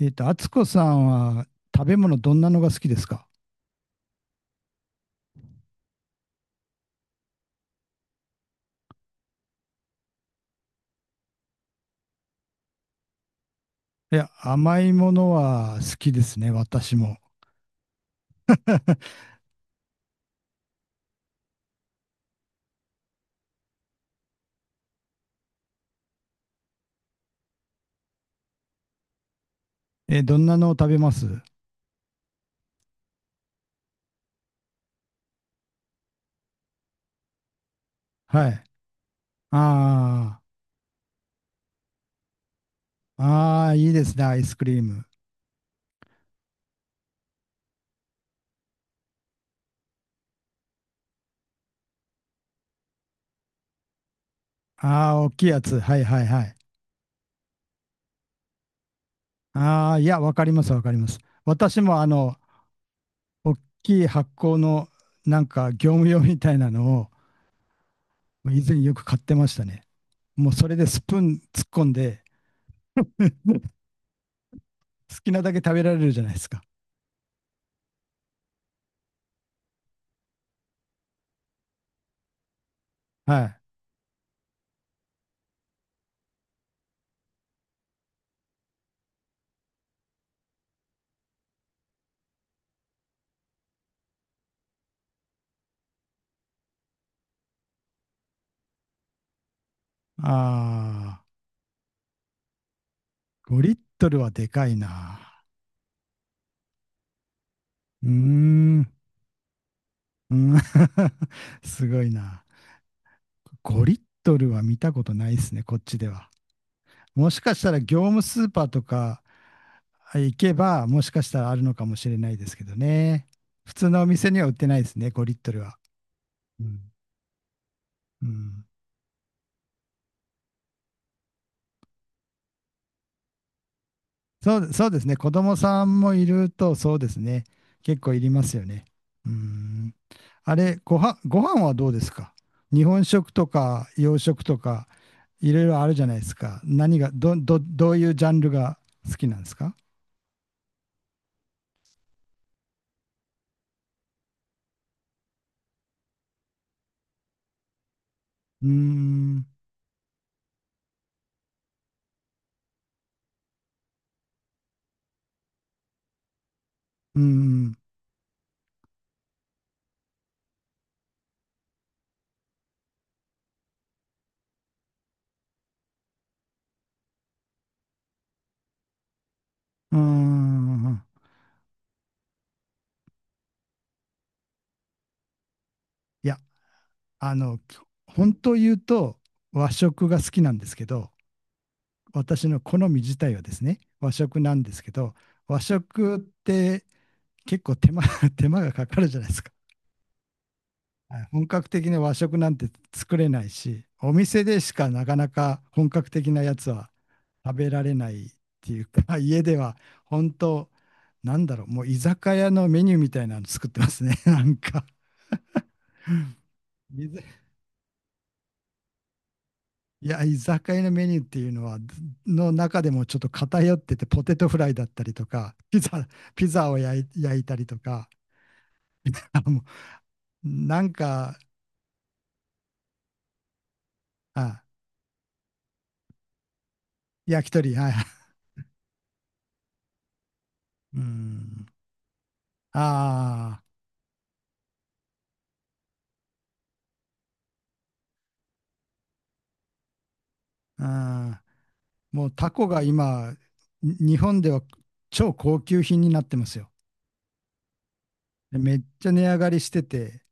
敦子さんは食べ物どんなのが好きですか？いや、甘いものは好きですね、私も。え、どんなのを食べます？はい。ああ、ああ、いいですね、アイスクリーム。ああ、大きいやつ。はいはいはい。ああ、いや、わかりますわかります。私も大きい発酵のなんか業務用みたいなのを以前よく買ってましたね。もうそれでスプーン突っ込んで、好きなだけ食べられるじゃないですか。はい。あー、5リットルはでかいな。うーん。うん すごいな。5リットルは見たことないですね、こっちでは。もしかしたら業務スーパーとか行けば、もしかしたらあるのかもしれないですけどね。普通のお店には売ってないですね、5リットルは。うん。うんそう、そうですね。子供さんもいると、そうですね。結構いりますよね。うーん。あれ、ご飯はどうですか？日本食とか洋食とか、いろいろあるじゃないですか。何が、どういうジャンルが好きなんですか？うーん、うーん、うーん。いや、あの、本当言うと和食が好きなんですけど、私の好み自体はですね、和食なんですけど、和食って結構手間 手間がかかるじゃないですか。本格的な和食なんて作れないし、お店でしかなかなか本格的なやつは食べられないっていうか、家では本当、なんだろう、もう居酒屋のメニューみたいなの作ってますね、なんか。いざいや、居酒屋のメニューっていうのは、の中でもちょっと偏ってて、ポテトフライだったりとか、ピザ、ピザを焼いたりとか、あもうなんか、あ、焼き鳥、はい。うんああ、うん、もうタコが今、に日本では超高級品になってますよ。でめっちゃ値上がりしてて、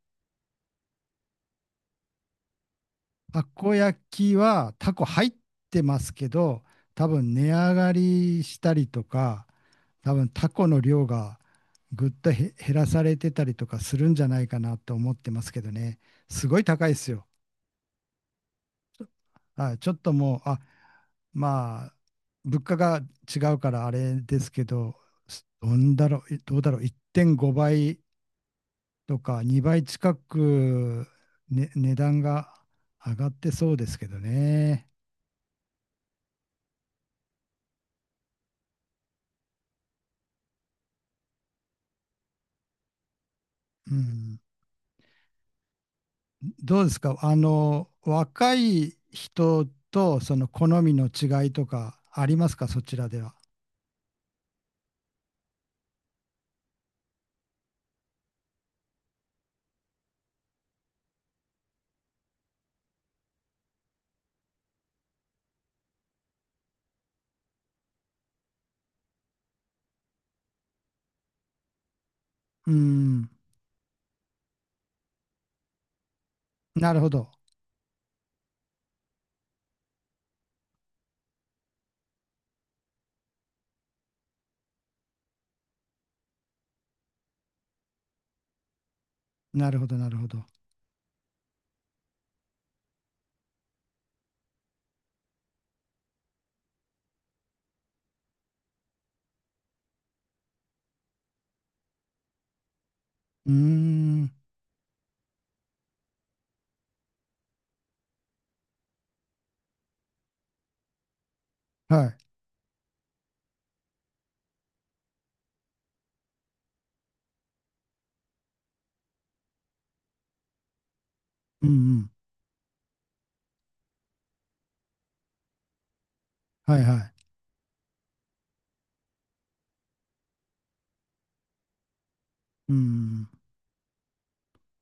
たこ焼きはタコ入ってますけど、多分値上がりしたりとか、多分タコの量がぐっと減らされてたりとかするんじゃないかなと思ってますけどね。すごい高いですよ。はい、ちょっともう、あ、まあ、物価が違うからあれですけど、すどんだろう、いどうだろう、1.5倍とか2倍近く、ね、値段が上がってそうですけどね。うん、どうですか、若い人とその好みの違いとかありますか、そちらでは。うん、なるほど、なるほど、なるほど。うーん、はい、うんうん、はいはい、うんうん。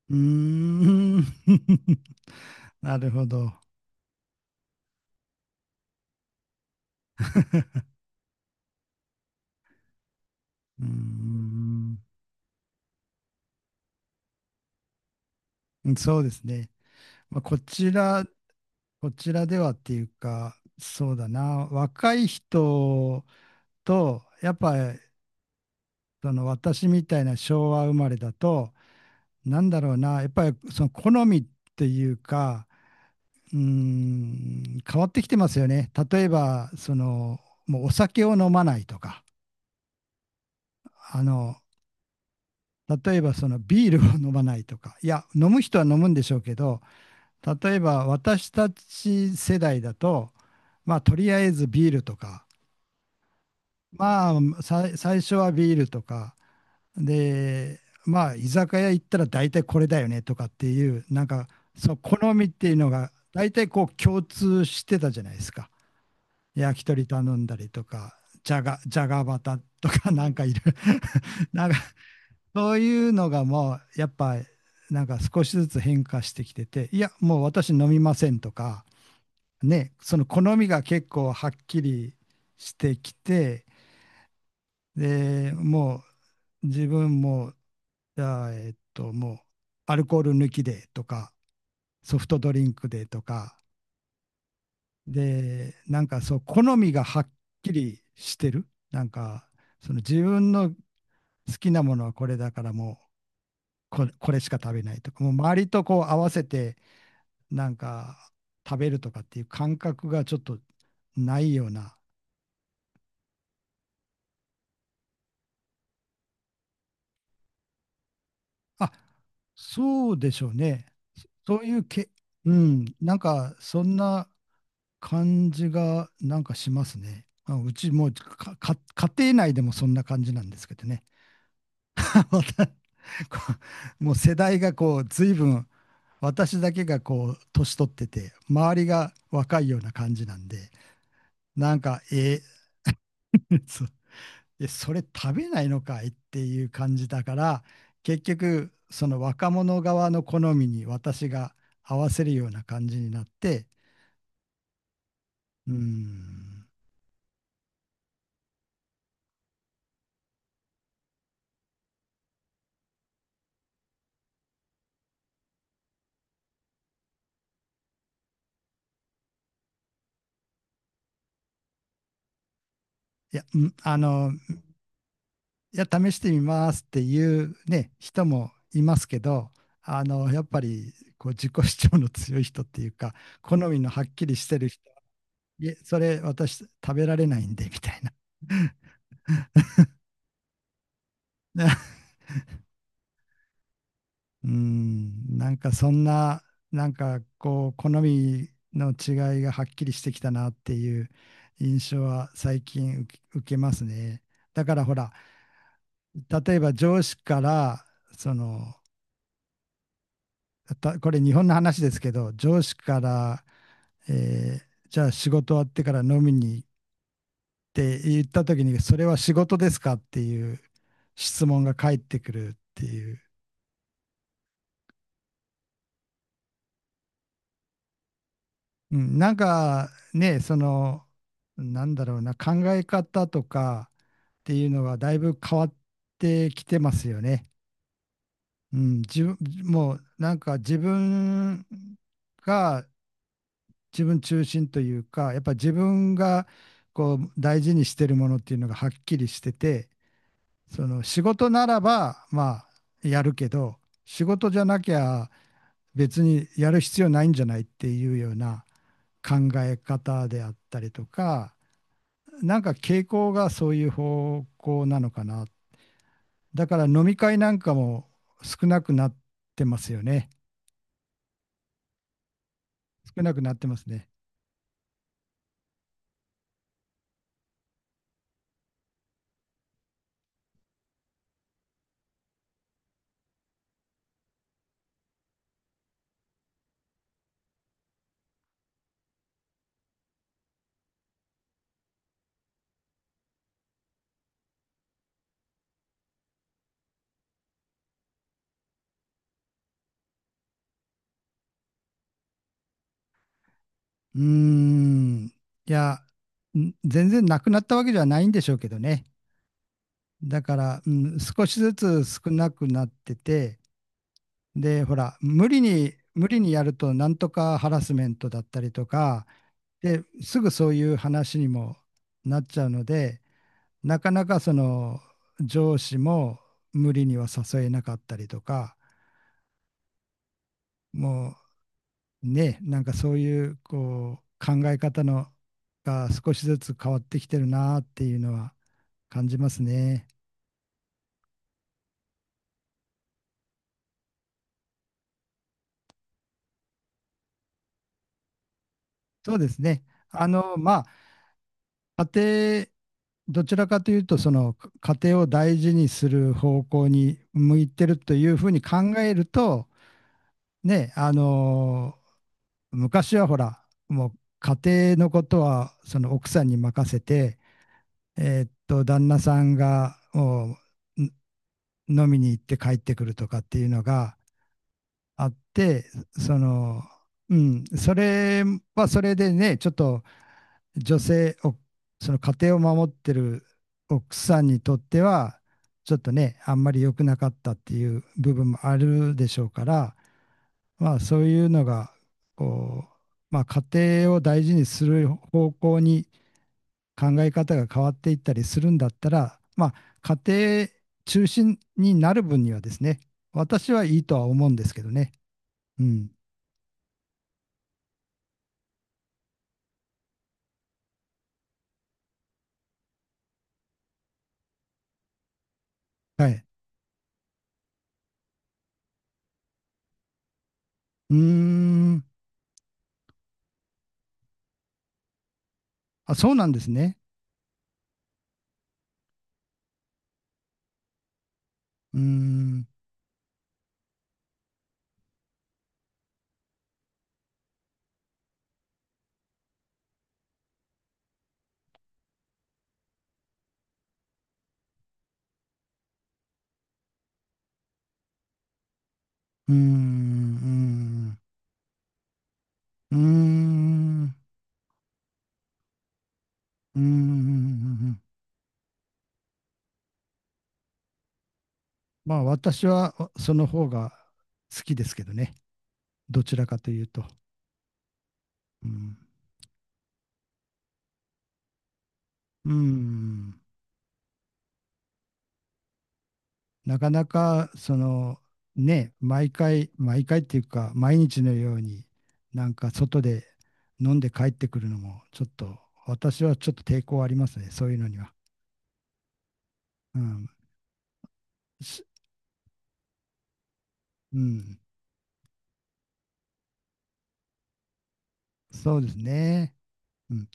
うーん。なるほど。うーん。そうですね。まあ、こちら、こちらではっていうか、そうだな。若い人と、やっぱり、その私みたいな昭和生まれだと、なんだろうな。やっぱりその好みっていうか、うーん、変わってきてますよね。例えば、その、もうお酒を飲まないとか、あの、例えばそのビールを飲まないとか、いや、飲む人は飲むんでしょうけど、例えば私たち世代だと、まあ、とりあえずビールとか、まあ、最初はビールとか、で、まあ、居酒屋行ったら大体これだよねとかっていう、なんか、その好みっていうのが、大体こう共通してたじゃないですか。焼き鳥頼んだりとか、じゃがバタとか、なんかいる なんかそういうのがもうやっぱなんか少しずつ変化してきてて、いや、もう私飲みませんとか、ね、その好みが結構はっきりしてきて、で、もう自分も、じゃあ、もうアルコール抜きでとか、ソフトドリンクでとか、で、なんかそう、好みがはっきりしてる。なんか、その自分の好きなものはこれだからもうこれしか食べないとか、もう周りとこう合わせて、なんか食べるとかっていう感覚がちょっとないような。あ、そうでしょうね。そそういうけ、うん、なんかそんな感じがなんかしますね。あ、うちもうか、か家庭内でもそんな感じなんですけどね。またこうもう世代がこう随分私だけがこう年取ってて周りが若いような感じなんでなんかえー そうで、それ食べないのかいっていう感じだから、結局、その若者側の好みに私が合わせるような感じになって、うーん、いや、いや、試してみますっていうね、人もいますけど、やっぱり、こう、自己主張の強い人っていうか、好みのはっきりしてる人は、いえ、それ私食べられないんで、みたいな。うん、なんかそんな、なんかこう、好みの違いがはっきりしてきたなっていう印象は最近受けますね。だからほら、例えば上司から、その、これ日本の話ですけど、上司から、えーじゃあ仕事終わってから飲みに行って言った時に、それは仕事ですかっていう質問が返ってくるっていう。うん、なんかね、その、なんだろうな、考え方とかっていうのはだいぶ変わってきてますよね。うん、自分、もうなんか自分が自分中心というか、やっぱ自分がこう大事にしてるものっていうのがはっきりしてて、その仕事ならばまあやるけど、仕事じゃなきゃ別にやる必要ないんじゃないっていうような考え方であったりとか、なんか傾向がそういう方向なのかな。だから飲み会なんかも少なくなってますよね。少なくなってますね。うーん。いや、全然なくなったわけではないんでしょうけどね。だから、うん、少しずつ少なくなってて、で、ほら、無理にやると、なんとかハラスメントだったりとか、で、すぐそういう話にもなっちゃうので、なかなかその上司も無理には誘えなかったりとか、もうね、なんかそういうこう考え方のが少しずつ変わってきてるなっていうのは感じますね。そうですね。まあ、家庭、どちらかというと、その家庭を大事にする方向に向いてるというふうに考えると、ね、昔はほら、もう家庭のことはその奥さんに任せて、旦那さんがもう飲みに行って帰ってくるとかっていうのがあって、その、うん、それはそれでね、ちょっと女性、おその家庭を守ってる奥さんにとっては、ちょっとね、あんまり良くなかったっていう部分もあるでしょうから、まあそういうのがこう、まあ、家庭を大事にする方向に考え方が変わっていったりするんだったら、まあ、家庭中心になる分にはですね私はいいとは思うんですけどね。うん。はい。うーん。あ、そうなんですね。うーん。うーん。うーん。うーん。うーんまあ私はその方が好きですけどね。どちらかというと。うんうん。なかなか、その、ね、毎回っていうか、毎日のように、なんか外で飲んで帰ってくるのも、ちょっと、私はちょっと抵抗ありますね、そういうのには。うん。しうん。そうですね。うん。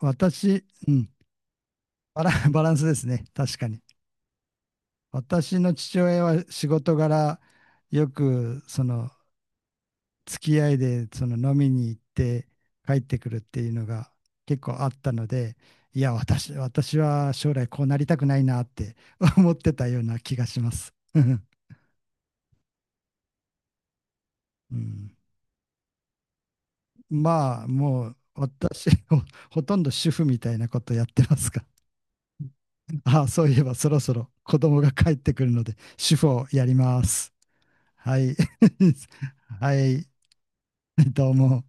私、うん。バランスですね、確かに。私の父親は仕事柄、よく、その、付き合いでその飲みに行って帰ってくるっていうのが結構あったので、いや、私は将来こうなりたくないなって 思ってたような気がします。うん、まあ、もう私ほ、ほとんど主婦みたいなことやってますが、ああ、そういえばそろそろ子供が帰ってくるので、主婦をやります。はい。はい、どうも。